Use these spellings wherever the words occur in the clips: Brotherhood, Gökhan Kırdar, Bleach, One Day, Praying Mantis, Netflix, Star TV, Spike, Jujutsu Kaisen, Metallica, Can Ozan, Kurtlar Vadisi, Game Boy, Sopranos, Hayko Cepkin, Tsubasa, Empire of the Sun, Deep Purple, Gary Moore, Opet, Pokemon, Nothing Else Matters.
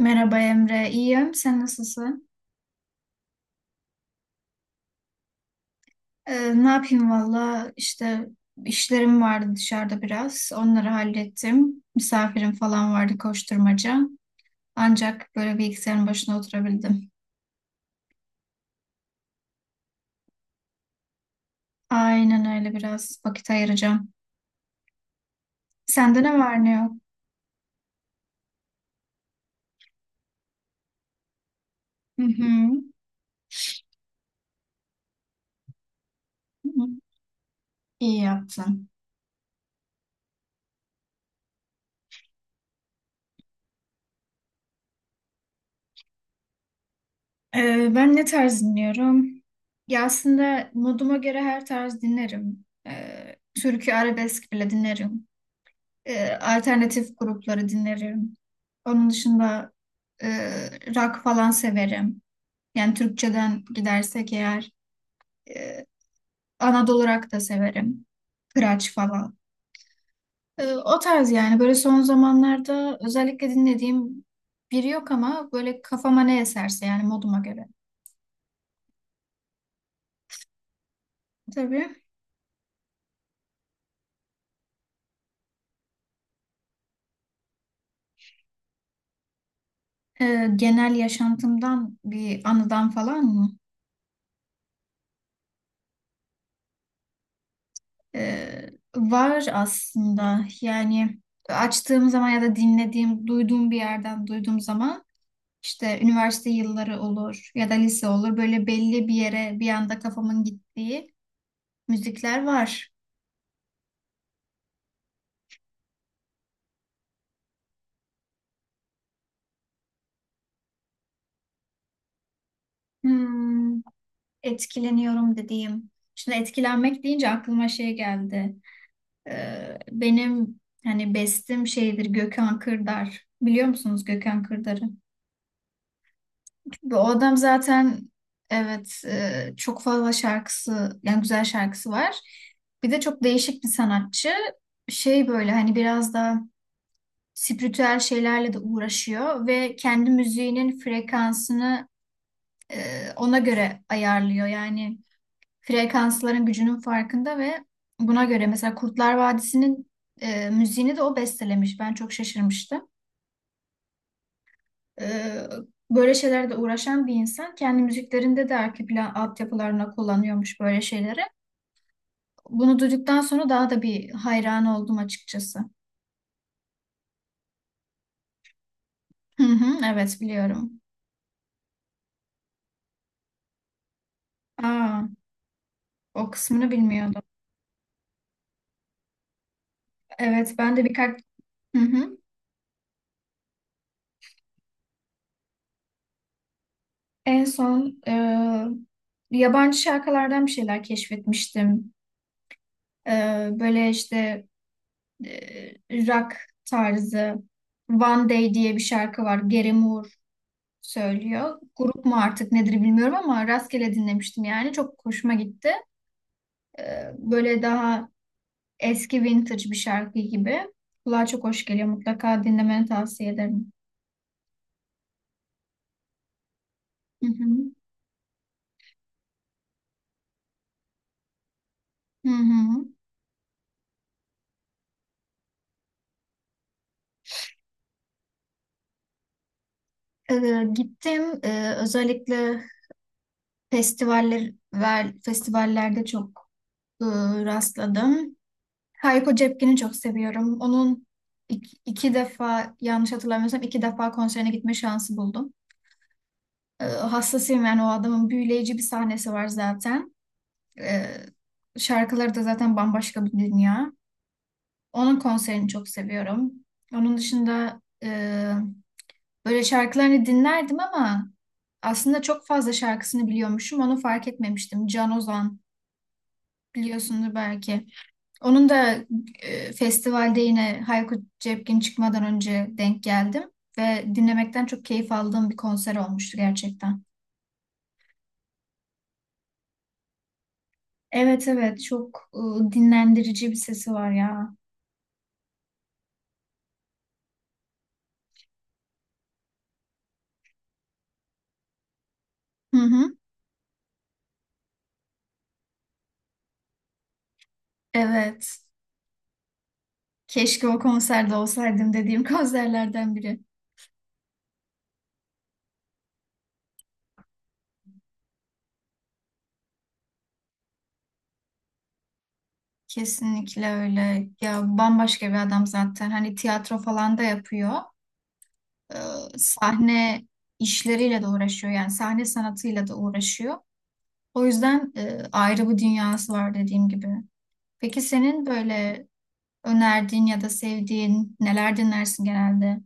Merhaba Emre, iyiyim. Sen nasılsın? Ne yapayım valla işte işlerim vardı dışarıda biraz. Onları hallettim. Misafirim falan vardı koşturmaca. Ancak böyle bilgisayarın başına oturabildim. Aynen öyle biraz vakit ayıracağım. Sende ne var ne yok? Hı hı. İyi yaptın. Ben ne tarz dinliyorum? Ya aslında moduma göre her tarz dinlerim. Türkü arabesk bile dinlerim. Alternatif grupları dinlerim. Onun dışında e, rock falan severim. Yani Türkçeden gidersek eğer e, Anadolu rock da severim. Kıraç falan. O tarz yani böyle son zamanlarda özellikle dinlediğim biri yok ama böyle kafama ne eserse yani moduma göre. Tabii. Genel yaşantımdan bir anıdan falan mı? Ee, Var aslında yani açtığım zaman ya da dinlediğim, duyduğum bir yerden duyduğum zaman işte üniversite yılları olur ya da lise olur böyle belli bir yere bir anda kafamın gittiği müzikler var. Hmm, etkileniyorum dediğim. Şimdi etkilenmek deyince aklıma şey geldi. Benim hani bestim şeydir Gökhan Kırdar. Biliyor musunuz Gökhan Kırdar'ı? Bu adam zaten evet, çok fazla şarkısı yani güzel şarkısı var. Bir de çok değişik bir sanatçı. Şey böyle hani biraz da spiritüel şeylerle de uğraşıyor ve kendi müziğinin frekansını ona göre ayarlıyor. Yani frekansların gücünün farkında ve buna göre mesela Kurtlar Vadisi'nin müziğini de o bestelemiş. Ben çok şaşırmıştım. Ee, Böyle şeylerle uğraşan bir insan kendi müziklerinde de arka plan altyapılarına kullanıyormuş böyle şeyleri. Bunu duyduktan sonra daha da bir hayran oldum açıkçası. Hı hı, evet biliyorum. Aa, o kısmını bilmiyordum. Evet ben de birkaç, hı hı. En son yabancı şarkılardan bir şeyler keşfetmiştim. Böyle işte rock tarzı One Day diye bir şarkı var. Gary Moore söylüyor. Grup mu artık nedir bilmiyorum ama rastgele dinlemiştim yani. Çok hoşuma gitti. Böyle daha eski vintage bir şarkı gibi. Kulağa çok hoş geliyor. Mutlaka dinlemeni tavsiye ederim. Hı hı. Hı hı. Gittim. Özellikle festivaller festivallerde çok e, rastladım. Hayko Cepkin'i çok seviyorum. Onun iki, defa yanlış hatırlamıyorsam iki defa konserine gitme şansı buldum. Hassasıyım yani o adamın büyüleyici bir sahnesi var zaten. E, Şarkıları da zaten bambaşka bir dünya. Onun konserini çok seviyorum. Onun dışında böyle şarkılarını dinlerdim ama aslında çok fazla şarkısını biliyormuşum. Onu fark etmemiştim. Can Ozan biliyorsundur belki. Onun da festivalde yine Hayko Cepkin çıkmadan önce denk geldim ve dinlemekten çok keyif aldığım bir konser olmuştu gerçekten. Evet evet çok dinlendirici bir sesi var ya. Hı hı. Evet. Keşke o konserde olsaydım dediğim konserlerden biri. Kesinlikle öyle. Ya bambaşka bir adam zaten. Hani tiyatro falan da yapıyor. Sahne işleriyle de uğraşıyor. Yani sahne sanatıyla da uğraşıyor. O yüzden ayrı bir dünyası var dediğim gibi. Peki senin böyle önerdiğin ya da sevdiğin neler dinlersin genelde?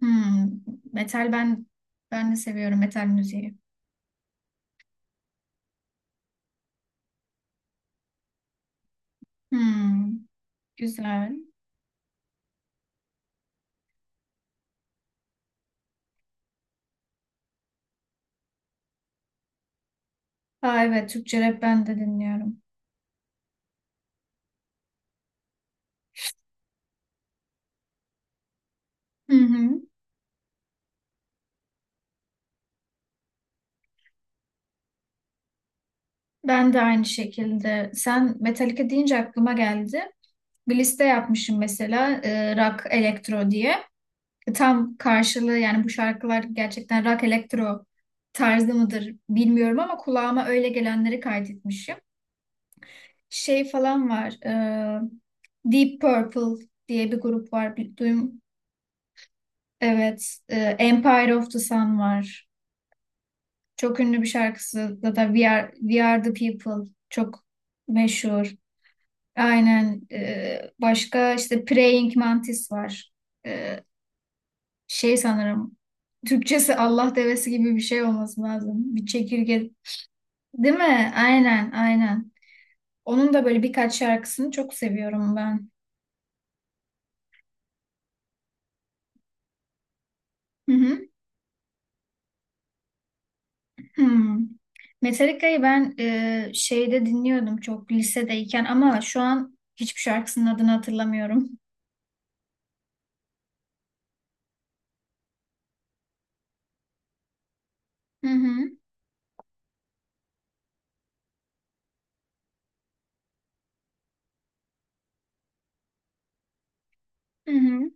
Hmm, metal, ben de seviyorum metal müziği. Hmm, güzel. Aa, evet Türkçe rap ben de dinliyorum. Hı hı. Ben de aynı şekilde. Sen Metallica deyince aklıma geldi. Bir liste yapmışım mesela, rock elektro diye. Tam karşılığı yani bu şarkılar gerçekten rock elektro tarzı mıdır bilmiyorum ama kulağıma öyle gelenleri kaydetmişim. Şey falan var. Deep Purple diye bir grup var. Evet, Empire of the Sun var. Çok ünlü bir şarkısı da We Are, We Are the People çok meşhur. Aynen. Başka işte Praying Mantis var. E, Şey sanırım Türkçesi Allah devesi gibi bir şey olması lazım. Bir çekirge değil mi? Aynen, aynen. Onun da böyle birkaç şarkısını çok seviyorum ben. Hı hı. Hmm. Metallica'yı ben şeyde dinliyordum çok lisedeyken ama şu an hiçbir şarkısının adını hatırlamıyorum. Hı hı. Hı hı.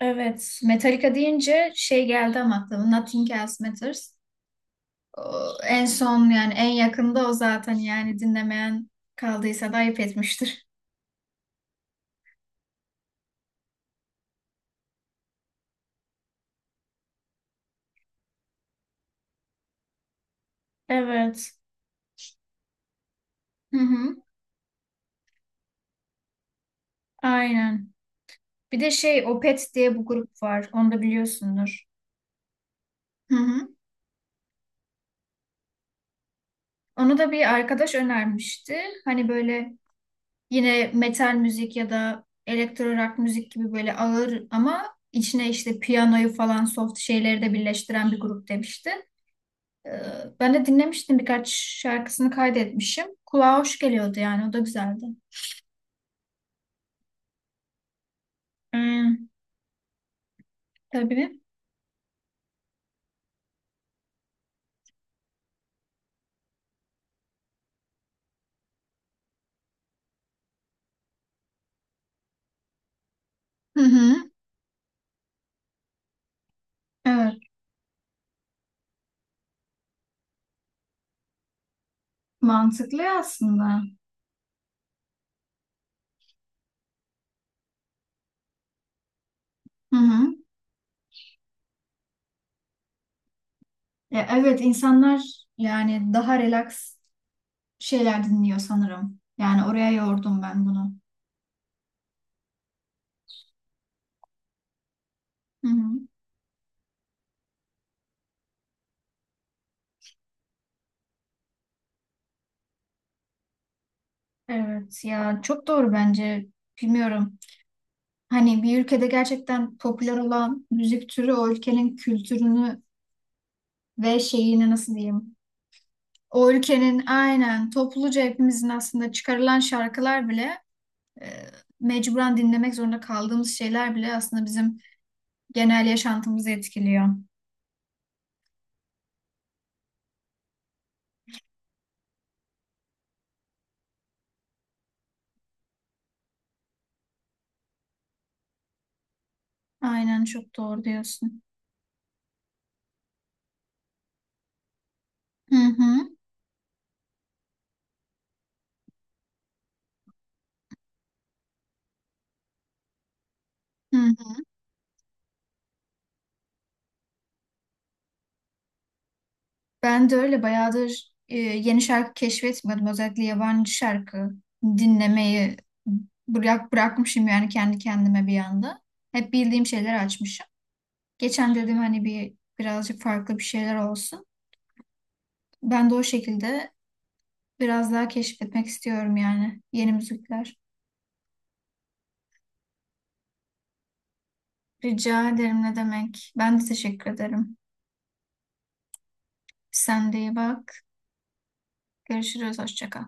Evet, Metallica deyince şey geldi ama aklıma Nothing Else Matters. O, en son yani en yakında o zaten yani dinlemeyen kaldıysa da ayıp etmiştir. Evet. Hı hı. Aynen. Bir de şey Opet diye bu grup var. Onu da biliyorsundur. Hı hı. Onu da bir arkadaş önermişti. Hani böyle yine metal müzik ya da elektro rock müzik gibi böyle ağır ama içine işte piyanoyu falan soft şeyleri de birleştiren bir grup demişti. Ee, Ben de dinlemiştim birkaç şarkısını kaydetmişim. Kulağa hoş geliyordu yani o da güzeldi. Hmm, tabii. Hı hı. Evet. Mantıklı aslında. Hı hı. Ya evet insanlar yani daha relax şeyler dinliyor sanırım. Yani oraya yordum ben bunu. Hı hı. Evet ya çok doğru bence. Bilmiyorum. Hani bir ülkede gerçekten popüler olan müzik türü o ülkenin kültürünü ve şeyini nasıl diyeyim? O ülkenin aynen topluca hepimizin aslında çıkarılan şarkılar bile e, mecburen dinlemek zorunda kaldığımız şeyler bile aslında bizim genel yaşantımızı etkiliyor. Aynen çok doğru diyorsun. Hı hı. Hı hı. Ben de öyle bayağıdır, yeni şarkı keşfetmiyordum. Özellikle yabancı şarkı dinlemeyi bırakmışım yani kendi kendime bir anda. Hep bildiğim şeyler açmışım. Geçen dedim hani bir birazcık farklı bir şeyler olsun. Ben de o şekilde biraz daha keşfetmek istiyorum yani yeni müzikler. Rica ederim ne demek. Ben de teşekkür ederim. Sen de iyi bak. Görüşürüz. Hoşça kal.